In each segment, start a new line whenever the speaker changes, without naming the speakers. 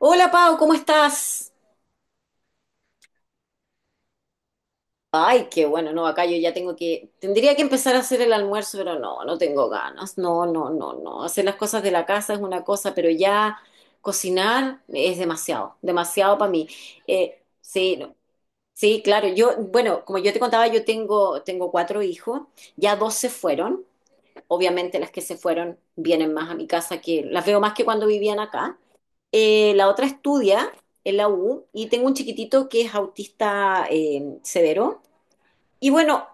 Hola Pau, ¿cómo estás? Ay, qué bueno, no, acá yo ya tengo que, tendría que empezar a hacer el almuerzo, pero no, no tengo ganas, no, no, no, no. Hacer las cosas de la casa es una cosa, pero ya cocinar es demasiado, demasiado para mí. Sí, no, sí, claro, yo, bueno, como yo te contaba, yo tengo cuatro hijos, ya dos se fueron, obviamente las que se fueron vienen más a mi casa que, las veo más que cuando vivían acá. La otra estudia en la U y tengo un chiquitito que es autista, severo. Y bueno,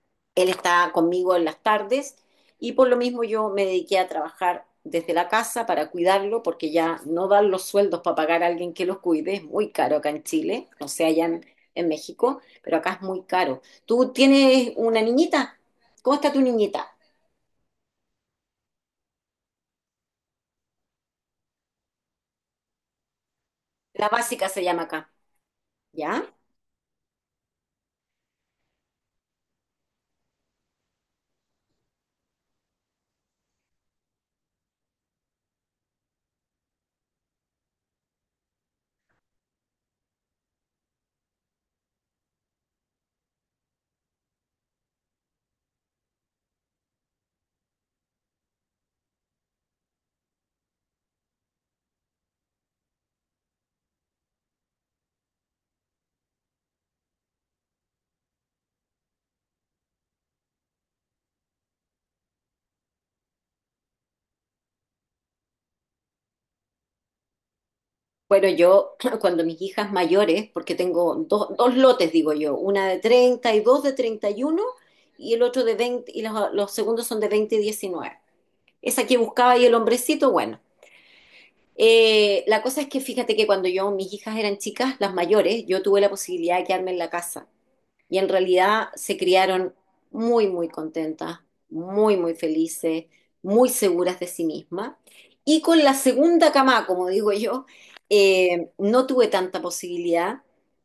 él está conmigo en las tardes y por lo mismo yo me dediqué a trabajar desde la casa para cuidarlo porque ya no dan los sueldos para pagar a alguien que los cuide, es muy caro acá en Chile, no sé allá en México, pero acá es muy caro. ¿Tú tienes una niñita? ¿Cómo está tu niñita? La básica se llama acá, ¿ya? Bueno, yo cuando mis hijas mayores, porque tengo dos lotes, digo yo, una de 32 de 31 y el otro de 20 y los segundos son de 20 y 19. Esa que buscaba y el hombrecito, bueno. La cosa es que fíjate que cuando yo, mis hijas eran chicas, las mayores, yo tuve la posibilidad de quedarme en la casa y en realidad se criaron muy, muy contentas, muy, muy felices, muy seguras de sí mismas. Y con la segunda cama, como digo yo, no tuve tanta posibilidad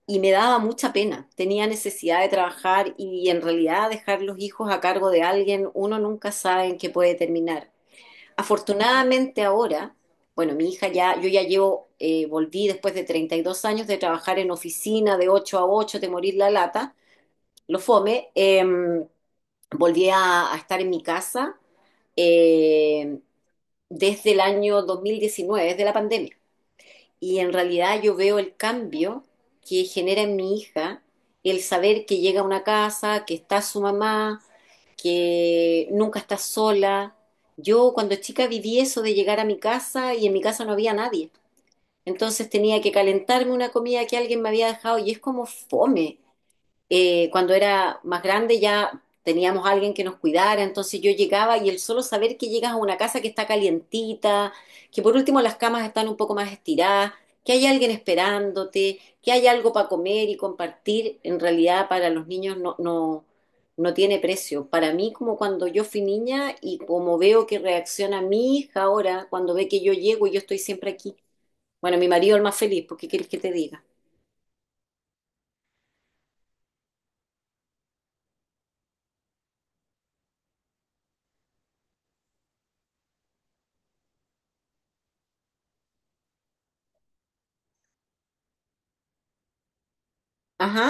y me daba mucha pena. Tenía necesidad de trabajar y en realidad dejar los hijos a cargo de alguien, uno nunca sabe en qué puede terminar. Afortunadamente ahora, bueno, mi hija ya, yo ya llevo, volví después de 32 años de trabajar en oficina de 8 a 8 de morir la lata, lo fome, volví a estar en mi casa, eh, desde el año 2019, desde la pandemia. Y en realidad yo veo el cambio que genera en mi hija el saber que llega a una casa, que está su mamá, que nunca está sola. Yo cuando chica viví eso de llegar a mi casa y en mi casa no había nadie. Entonces tenía que calentarme una comida que alguien me había dejado y es como fome. Cuando era más grande ya teníamos a alguien que nos cuidara, entonces yo llegaba y el solo saber que llegas a una casa que está calientita, que por último las camas están un poco más estiradas, que hay alguien esperándote, que hay algo para comer y compartir, en realidad para los niños no, no, no tiene precio. Para mí, como cuando yo fui niña y como veo que reacciona mi hija ahora, cuando ve que yo llego y yo estoy siempre aquí. Bueno, mi marido es el más feliz, ¿por qué quieres que te diga? Ajá,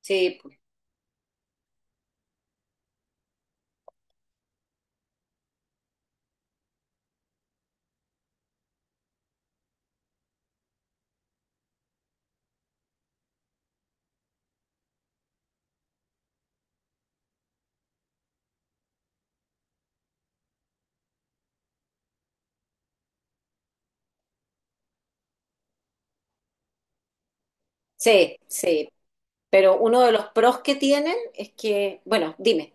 sí, sí, sí. Pero uno de los pros que tienen es que, bueno, dime,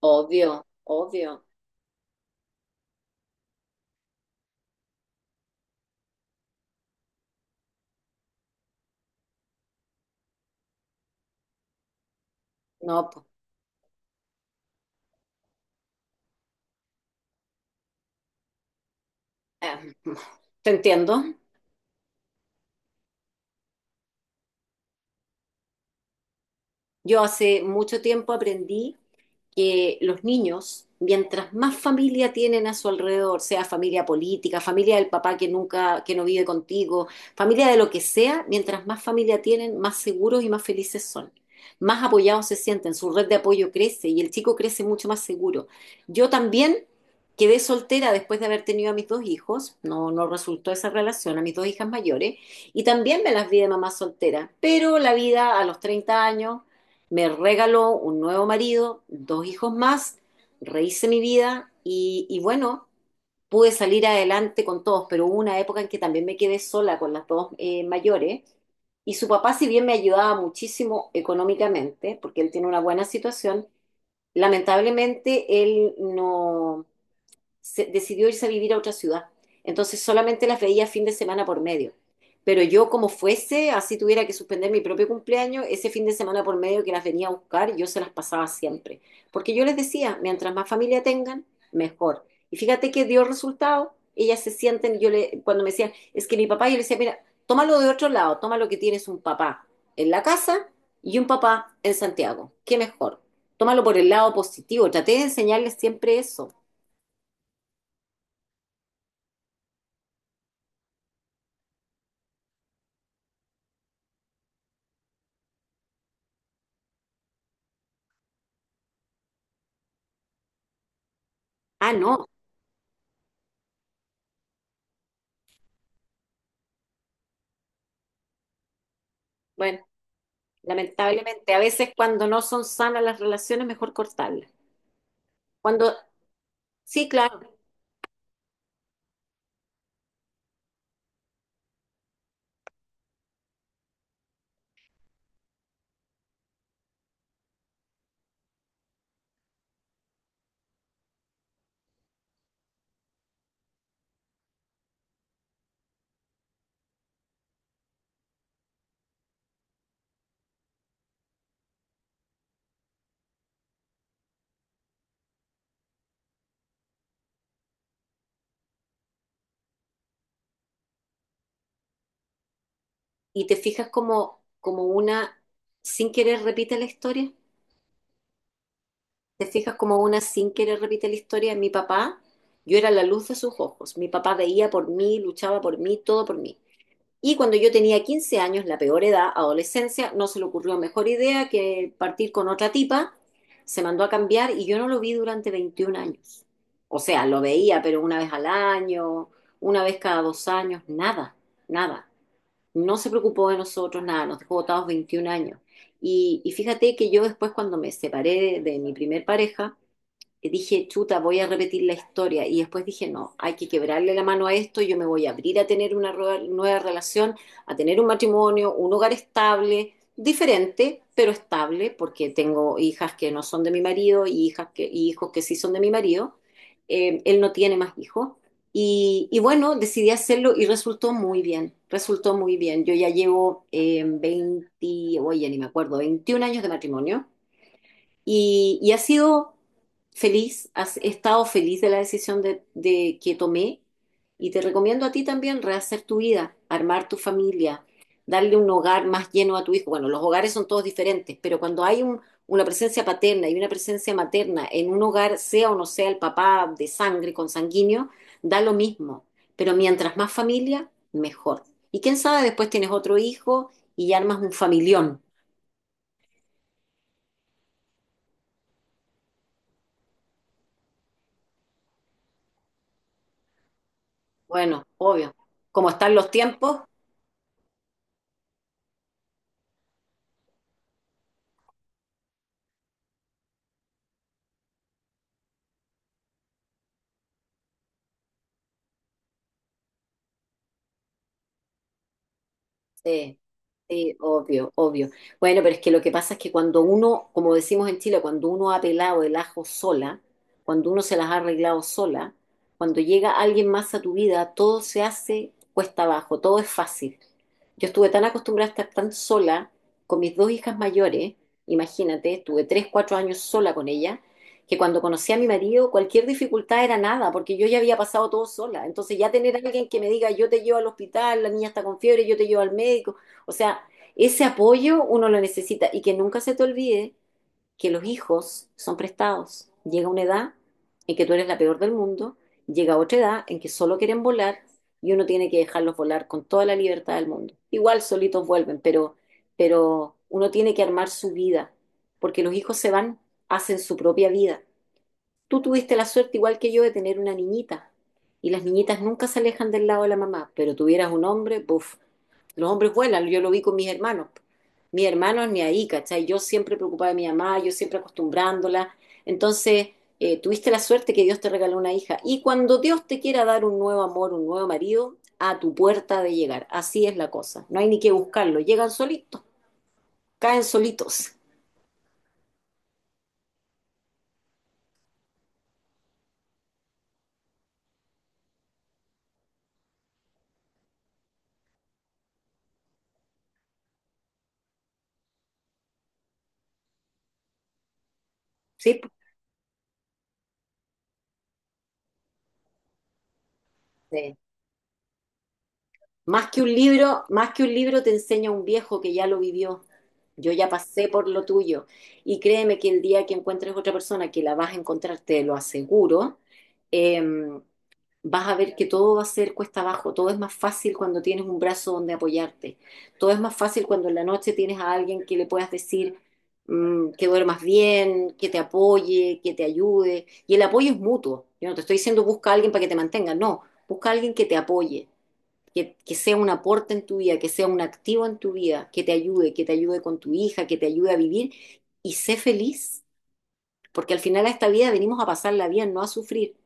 obvio, obvio, no, po-, eh, te entiendo. Yo hace mucho tiempo aprendí que los niños, mientras más familia tienen a su alrededor, sea familia política, familia del papá que nunca, que no vive contigo, familia de lo que sea, mientras más familia tienen, más seguros y más felices son. Más apoyados se sienten, su red de apoyo crece y el chico crece mucho más seguro. Yo también quedé soltera después de haber tenido a mis dos hijos, no, no resultó esa relación, a mis dos hijas mayores, y también me las vi de mamá soltera, pero la vida a los 30 años me regaló un nuevo marido, dos hijos más, rehice mi vida y bueno, pude salir adelante con todos, pero hubo una época en que también me quedé sola con las dos, mayores y su papá, si bien me ayudaba muchísimo económicamente, porque él tiene una buena situación, lamentablemente él no, decidió irse a vivir a otra ciudad. Entonces solamente las veía fin de semana por medio. Pero yo como fuese, así tuviera que suspender mi propio cumpleaños, ese fin de semana por medio que las venía a buscar, yo se las pasaba siempre. Porque yo les decía, mientras más familia tengan, mejor. Y fíjate que dio resultado, ellas se sienten, yo le, cuando me decían, es que mi papá, yo le decía, mira, tómalo de otro lado, toma lo que tienes un papá en la casa y un papá en Santiago. ¿Qué mejor? Tómalo por el lado positivo. Traté de enseñarles siempre eso. Ah, no. Bueno, lamentablemente, a veces cuando no son sanas las relaciones, mejor cortarlas. Cuando, sí, claro, y te fijas como, como una, sin querer repite la historia, te fijas como una sin querer repite la historia, mi papá, yo era la luz de sus ojos, mi papá veía por mí, luchaba por mí, todo por mí. Y cuando yo tenía 15 años, la peor edad, adolescencia, no se le ocurrió mejor idea que partir con otra tipa. Se mandó a cambiar y yo no lo vi durante 21 años. O sea, lo veía, pero una vez al año, una vez cada dos años, nada, nada. No se preocupó de nosotros, nada, nos dejó botados 21 años. Y fíjate que yo después cuando me separé de mi primer pareja, dije, chuta, voy a repetir la historia. Y después dije, no, hay que quebrarle la mano a esto, yo me voy a abrir a tener una nueva relación, a tener un matrimonio, un hogar estable, diferente, pero estable, porque tengo hijas que no son de mi marido y hijas que, y hijos que sí son de mi marido. Él no tiene más hijos. Y bueno, decidí hacerlo y resultó muy bien, resultó muy bien. Yo ya llevo, 20, oye, ni me acuerdo, 21 años de matrimonio. Y ha sido feliz, he estado feliz de la decisión de que tomé y te recomiendo a ti también rehacer tu vida, armar tu familia, darle un hogar más lleno a tu hijo. Bueno, los hogares son todos diferentes, pero cuando hay un-, una presencia paterna y una presencia materna en un hogar, sea o no sea el papá de sangre, consanguíneo, da lo mismo. Pero mientras más familia, mejor. Y quién sabe, después tienes otro hijo y ya armas un familión. Bueno, obvio. Como están los tiempos, sí, sí, obvio, obvio. Bueno, pero es que lo que pasa es que cuando uno, como decimos en Chile, cuando uno ha pelado el ajo sola, cuando uno se las ha arreglado sola, cuando llega alguien más a tu vida, todo se hace cuesta abajo, todo es fácil. Yo estuve tan acostumbrada a estar tan sola con mis dos hijas mayores, imagínate, estuve tres, cuatro años sola con ellas, que cuando conocí a mi marido, cualquier dificultad era nada, porque yo ya había pasado todo sola. Entonces ya tener a alguien que me diga, yo te llevo al hospital, la niña está con fiebre, yo te llevo al médico. O sea, ese apoyo uno lo necesita y que nunca se te olvide que los hijos son prestados. Llega una edad en que tú eres la peor del mundo, llega otra edad en que solo quieren volar y uno tiene que dejarlos volar con toda la libertad del mundo. Igual solitos vuelven, pero uno tiene que armar su vida, porque los hijos se van, hacen su propia vida. Tú tuviste la suerte, igual que yo, de tener una niñita. Y las niñitas nunca se alejan del lado de la mamá, pero tuvieras un hombre, buf, los hombres vuelan, yo lo vi con mis hermanos. Mis hermanos ni ahí, ¿cachai? Yo siempre preocupada de mi mamá, yo siempre acostumbrándola. Entonces, tuviste la suerte que Dios te regaló una hija. Y cuando Dios te quiera dar un nuevo amor, un nuevo marido, a tu puerta ha de llegar. Así es la cosa. No hay ni que buscarlo. Llegan solitos, caen solitos. ¿Sí? Sí. Más que un libro, más que un libro te enseña un viejo que ya lo vivió. Yo ya pasé por lo tuyo. Y créeme que el día que encuentres otra persona que la vas a encontrar, te lo aseguro, eh, vas a ver que todo va a ser cuesta abajo. Todo es más fácil cuando tienes un brazo donde apoyarte. Todo es más fácil cuando en la noche tienes a alguien que le puedas decir mm, que duermas bien, que te apoye, que te ayude. Y el apoyo es mutuo. Yo no te estoy diciendo busca a alguien para que te mantenga. No, busca a alguien que te apoye que sea un aporte en tu vida, que sea un activo en tu vida, que te ayude con tu hija, que te ayude a vivir y sé feliz, porque al final a esta vida venimos a pasarla bien, no a sufrir.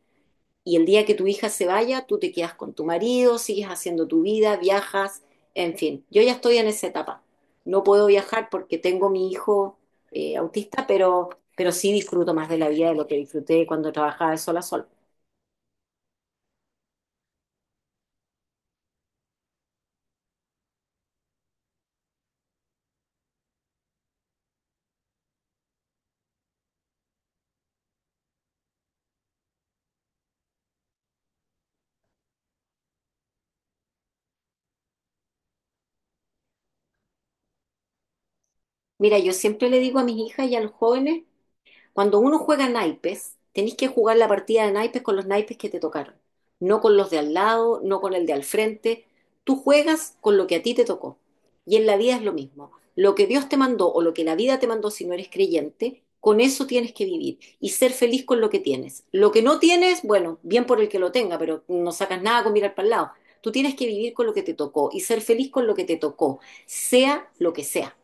Y el día que tu hija se vaya, tú te quedas con tu marido, sigues haciendo tu vida, viajas, en fin. Yo ya estoy en esa etapa. No puedo viajar porque tengo mi hijo, autista, pero sí disfruto más de la vida de lo que disfruté cuando trabajaba de sol a sol. Mira, yo siempre le digo a mis hijas y a los jóvenes cuando uno juega naipes, tenés que jugar la partida de naipes con los naipes que te tocaron, no con los de al lado, no con el de al frente. Tú juegas con lo que a ti te tocó. Y en la vida es lo mismo. Lo que Dios te mandó o lo que la vida te mandó si no eres creyente, con eso tienes que vivir y ser feliz con lo que tienes. Lo que no tienes, bueno, bien por el que lo tenga, pero no sacas nada con mirar para el lado. Tú tienes que vivir con lo que te tocó y ser feliz con lo que te tocó, sea lo que sea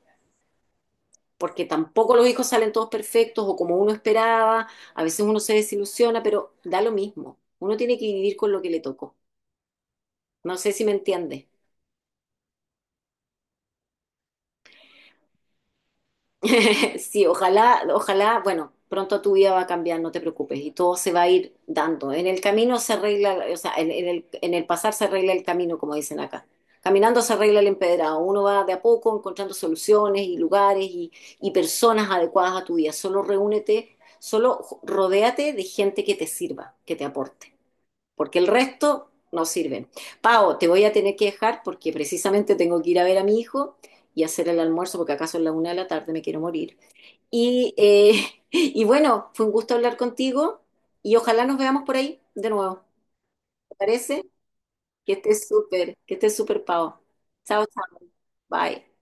porque tampoco los hijos salen todos perfectos o como uno esperaba, a veces uno se desilusiona, pero da lo mismo. Uno tiene que vivir con lo que le tocó. No sé si me entiendes. Sí, ojalá, ojalá, bueno, pronto tu vida va a cambiar, no te preocupes, y todo se va a ir dando. En el camino se arregla, o sea, en el pasar se arregla el camino, como dicen acá. Caminando se arregla el empedrado. Uno va de a poco encontrando soluciones y lugares y personas adecuadas a tu vida. Solo reúnete, rodéate de gente que te sirva, que te aporte, porque el resto no sirve. Pao, te voy a tener que dejar porque precisamente tengo que ir a ver a mi hijo y hacer el almuerzo porque acaso es la una de la tarde, me quiero morir. Y, y bueno, fue un gusto hablar contigo y ojalá nos veamos por ahí de nuevo. ¿Te parece? Que estés súper, Pau. Chao, chao. Bye.